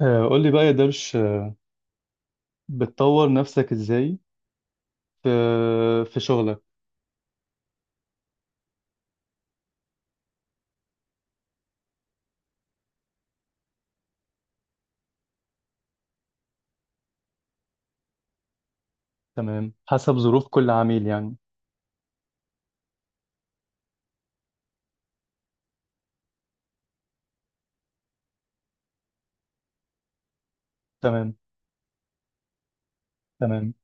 قول لي بقى يا درش، بتطور نفسك ازاي في في شغلك. تمام، حسب ظروف كل عميل يعني. تمام، تمام،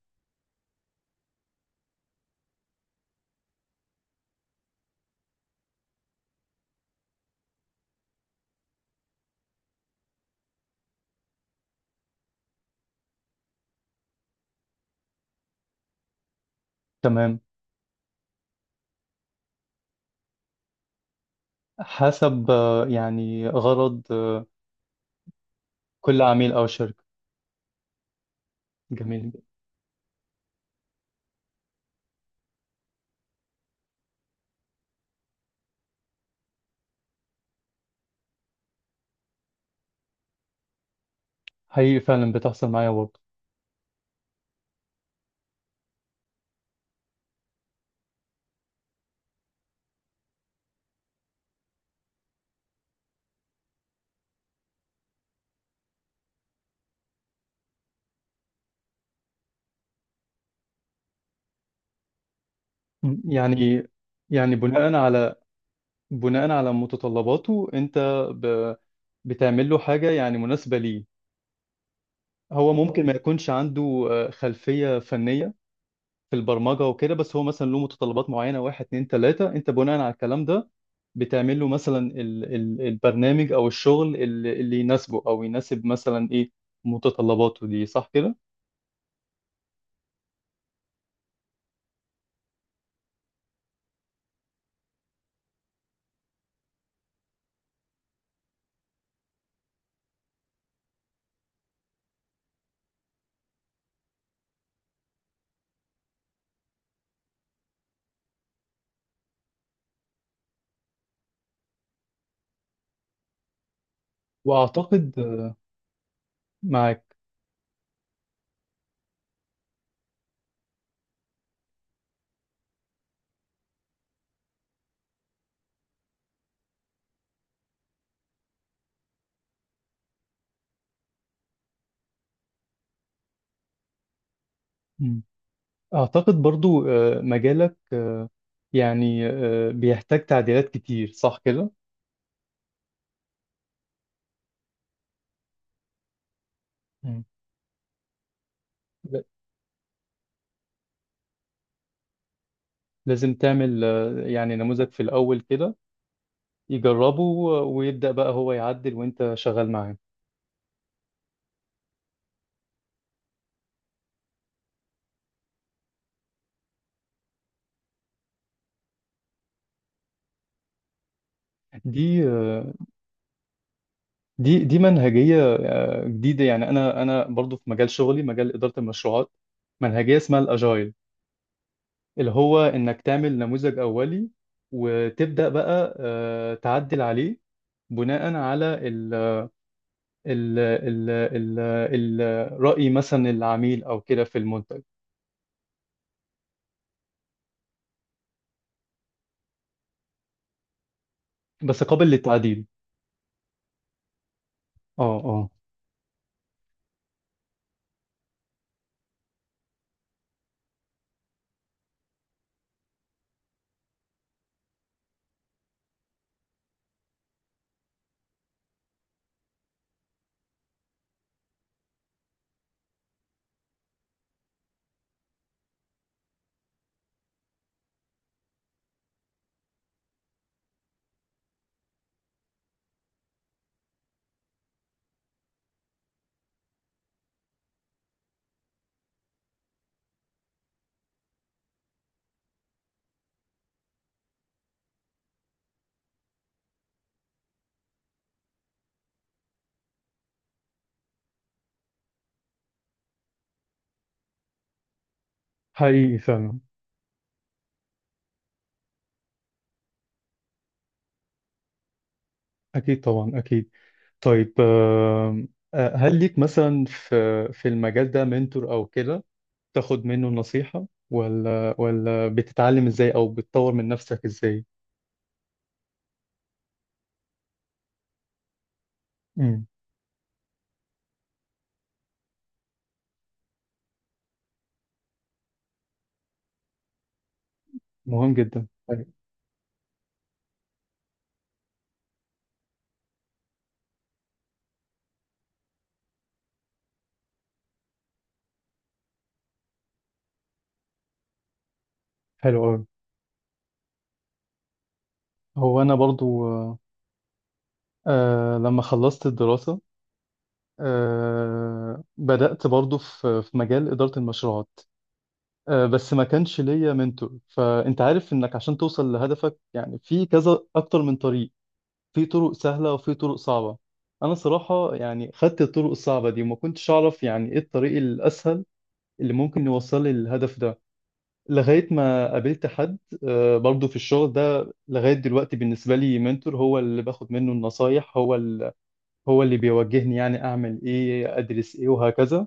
تمام، حسب يعني غرض كل عميل او شركة. جميل. حقيقي، فعلا بتحصل معايا برضه. م- يعني يعني بناء على متطلباته انت، ب... بتعمل له حاجة يعني مناسبة ليه. هو ممكن ما يكونش عنده خلفية فنية في البرمجه وكده، بس هو مثلا له متطلبات معينه واحد اتنين تلاته، انت بناء على الكلام ده بتعمل له مثلا ال البرنامج او الشغل اللي يناسبه او يناسب مثلا ايه متطلباته دي، صح كده؟ واعتقد معاك. مم. اعتقد برضو مجالك، يعني بيحتاج تعديلات كتير، صح كده؟ مم. ل- لازم تعمل يعني نموذج في الاول كده يجربه، ويبدأ بقى هو يعدل وانت شغال معاه. دي آه، دي منهجية جديدة، يعني أنا برضو في مجال شغلي مجال إدارة المشروعات. منهجية اسمها الأجايل، اللي هو إنك تعمل نموذج أولي وتبدأ بقى تعدل عليه بناء على ال ال ال ال رأي مثلا العميل أو كده في المنتج. بس قابل للتعديل. اه، اه. حقيقي فعلا. أكيد طبعا، أكيد. طيب، هل ليك مثلا في المجال ده منتور او كده، تاخد منه نصيحة ولا بتتعلم ازاي او بتطور من نفسك ازاي؟ امم. مهم جدا، طيب. حلو قوي. هو انا برضو، لما خلصت الدراسة، بدأت برضو في مجال إدارة المشروعات. بس ما كانش ليا منتور، فانت عارف انك عشان توصل لهدفك يعني في كذا اكتر من طريق. في طرق سهلة وفي طرق صعبة. أنا صراحة يعني خدت الطرق الصعبة دي، وما كنتش أعرف يعني إيه الطريق الأسهل اللي ممكن يوصل لي للهدف ده. لغاية ما قابلت حد، برضو في الشغل ده لغاية دلوقتي، بالنسبة لي منتور هو اللي باخد منه النصايح، هو اللي بيوجهني يعني أعمل إيه أدرس إيه وهكذا.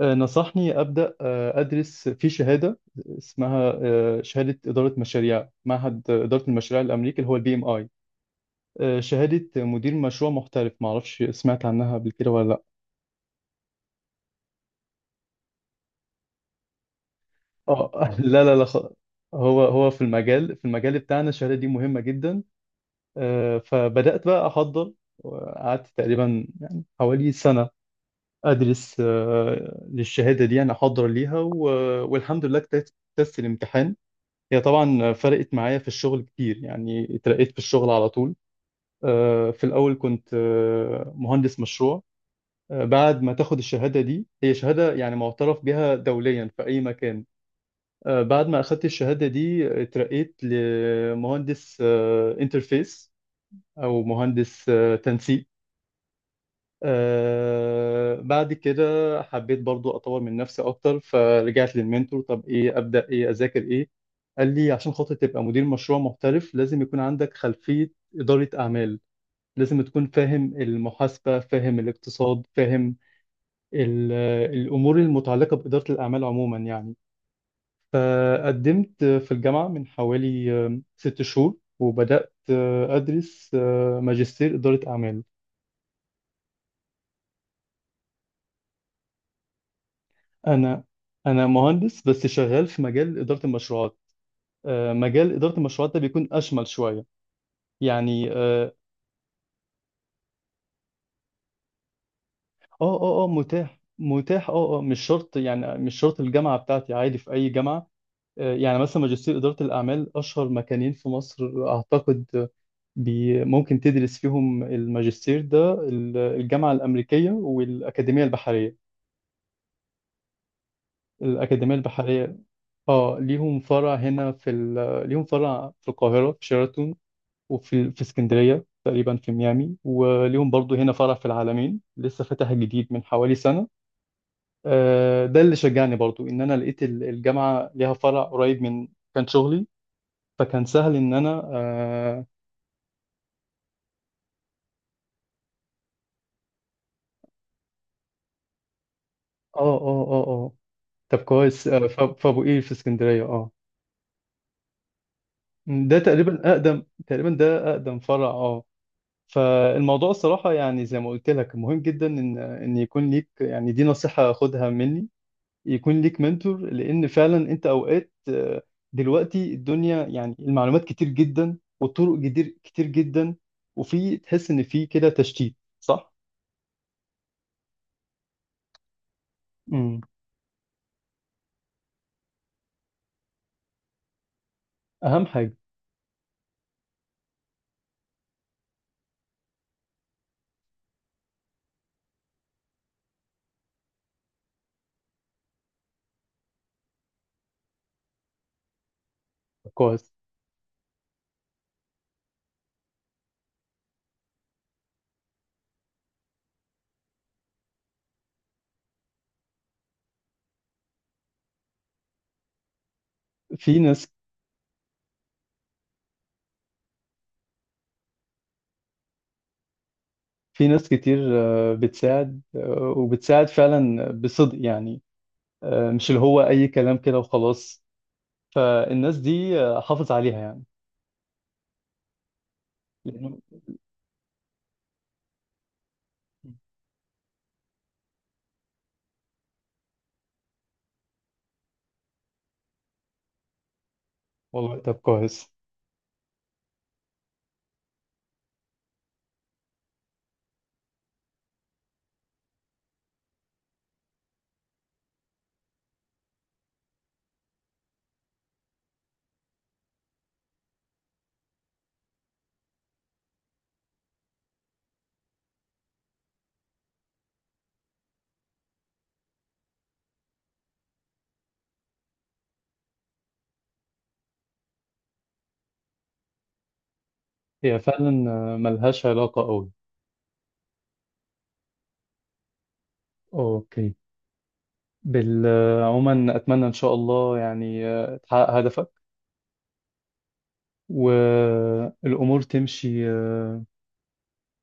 نصحني أبدأ أدرس في شهادة اسمها شهادة إدارة مشاريع معهد إدارة المشاريع الأمريكي، اللي هو الـPMI. شهادة مدير مشروع محترف، معرفش سمعت عنها قبل كده ولا لا؟ اه. لا، لا، لا، هو في المجال بتاعنا الشهادة دي مهمة جدا. فبدأت بقى أحضر، وقعدت تقريبا يعني حوالي سنة أدرس للشهادة دي، يعني أحضر ليها والحمد لله، اجتزت الامتحان. هي طبعا فرقت معايا في الشغل كتير، يعني اترقيت في الشغل على طول. في الأول كنت مهندس مشروع. بعد ما تاخد الشهادة دي، هي شهادة يعني معترف بها دوليا في أي مكان. بعد ما أخدت الشهادة دي، اترقيت لمهندس انترفيس أو مهندس تنسيق. بعد كده حبيت برضو أطور من نفسي أكتر، فرجعت للمنتور. طب إيه؟ أبدأ إيه؟ أذاكر إيه؟ قال لي عشان خاطر تبقى مدير مشروع محترف لازم يكون عندك خلفية إدارة أعمال. لازم تكون فاهم المحاسبة، فاهم الاقتصاد، فاهم ال- الأمور المتعلقة بإدارة الأعمال عموما يعني. فقدمت في الجامعة من حوالي 6 شهور، وبدأت أدرس ماجستير إدارة أعمال. أنا أنا مهندس، بس شغال في مجال إدارة المشروعات. مجال إدارة المشروعات ده بيكون أشمل شوية يعني. آه، آه، آه، آه، متاح، متاح، مش شرط يعني مش شرط الجامعة بتاعتي، عادي في أي جامعة. يعني مثلا ماجستير إدارة الأعمال أشهر مكانين في مصر أعتقد. بي ممكن تدرس فيهم الماجستير ده، الجامعة الأمريكية والأكاديمية البحرية. الأكاديمية البحرية. آه، ليهم فرع هنا ليهم فرع في القاهرة في شيراتون. وفي اسكندرية تقريبا في ميامي، وليهم برضو هنا فرع في العالمين لسه فتح جديد من حوالي سنة. ده اللي شجعني برضو إن أنا لقيت الجامعة ليها فرع قريب من كان شغلي. فكان سهل ان انا. اه، اه، اه، اه، طب كويس، فابو قير في اسكندريه، اه. ده اقدم فرع، اه. فالموضوع الصراحه، يعني زي ما قلت لك، مهم جدا ان يكون ليك يعني، دي نصيحه خدها مني. يكون ليك منتور، لان فعلا انت اوقات، دلوقتي الدنيا يعني المعلومات كتير جدا، والطرق كتير كتير جدا. وفي تحس ان في كده تشتيت، صح؟ امم. اهم حاجه. كويس. في ناس في ناس كتير بتساعد، وبتساعد فعلا بصدق يعني. مش اللي هو أي كلام كده وخلاص. فالناس دي، حافظ عليها يعني. لأنه. والله، طب كويس. هي فعلا، ملهاش علاقة قوي. اوكي، عموما أتمنى إن شاء الله يعني تحقق هدفك. والأمور تمشي، آه،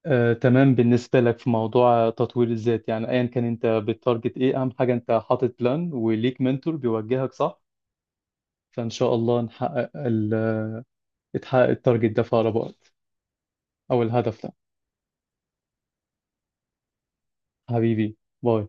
آه، تمام. بالنسبة لك في موضوع تطوير الذات يعني، أيا كان أنت بتارجت إيه، أهم حاجة أنت حاطط بلان وليك منتور بيوجهك، صح. فإن شاء الله يتحقق التارجت ده في أقرب وقت. أو الهدف ده. حبيبي. باي.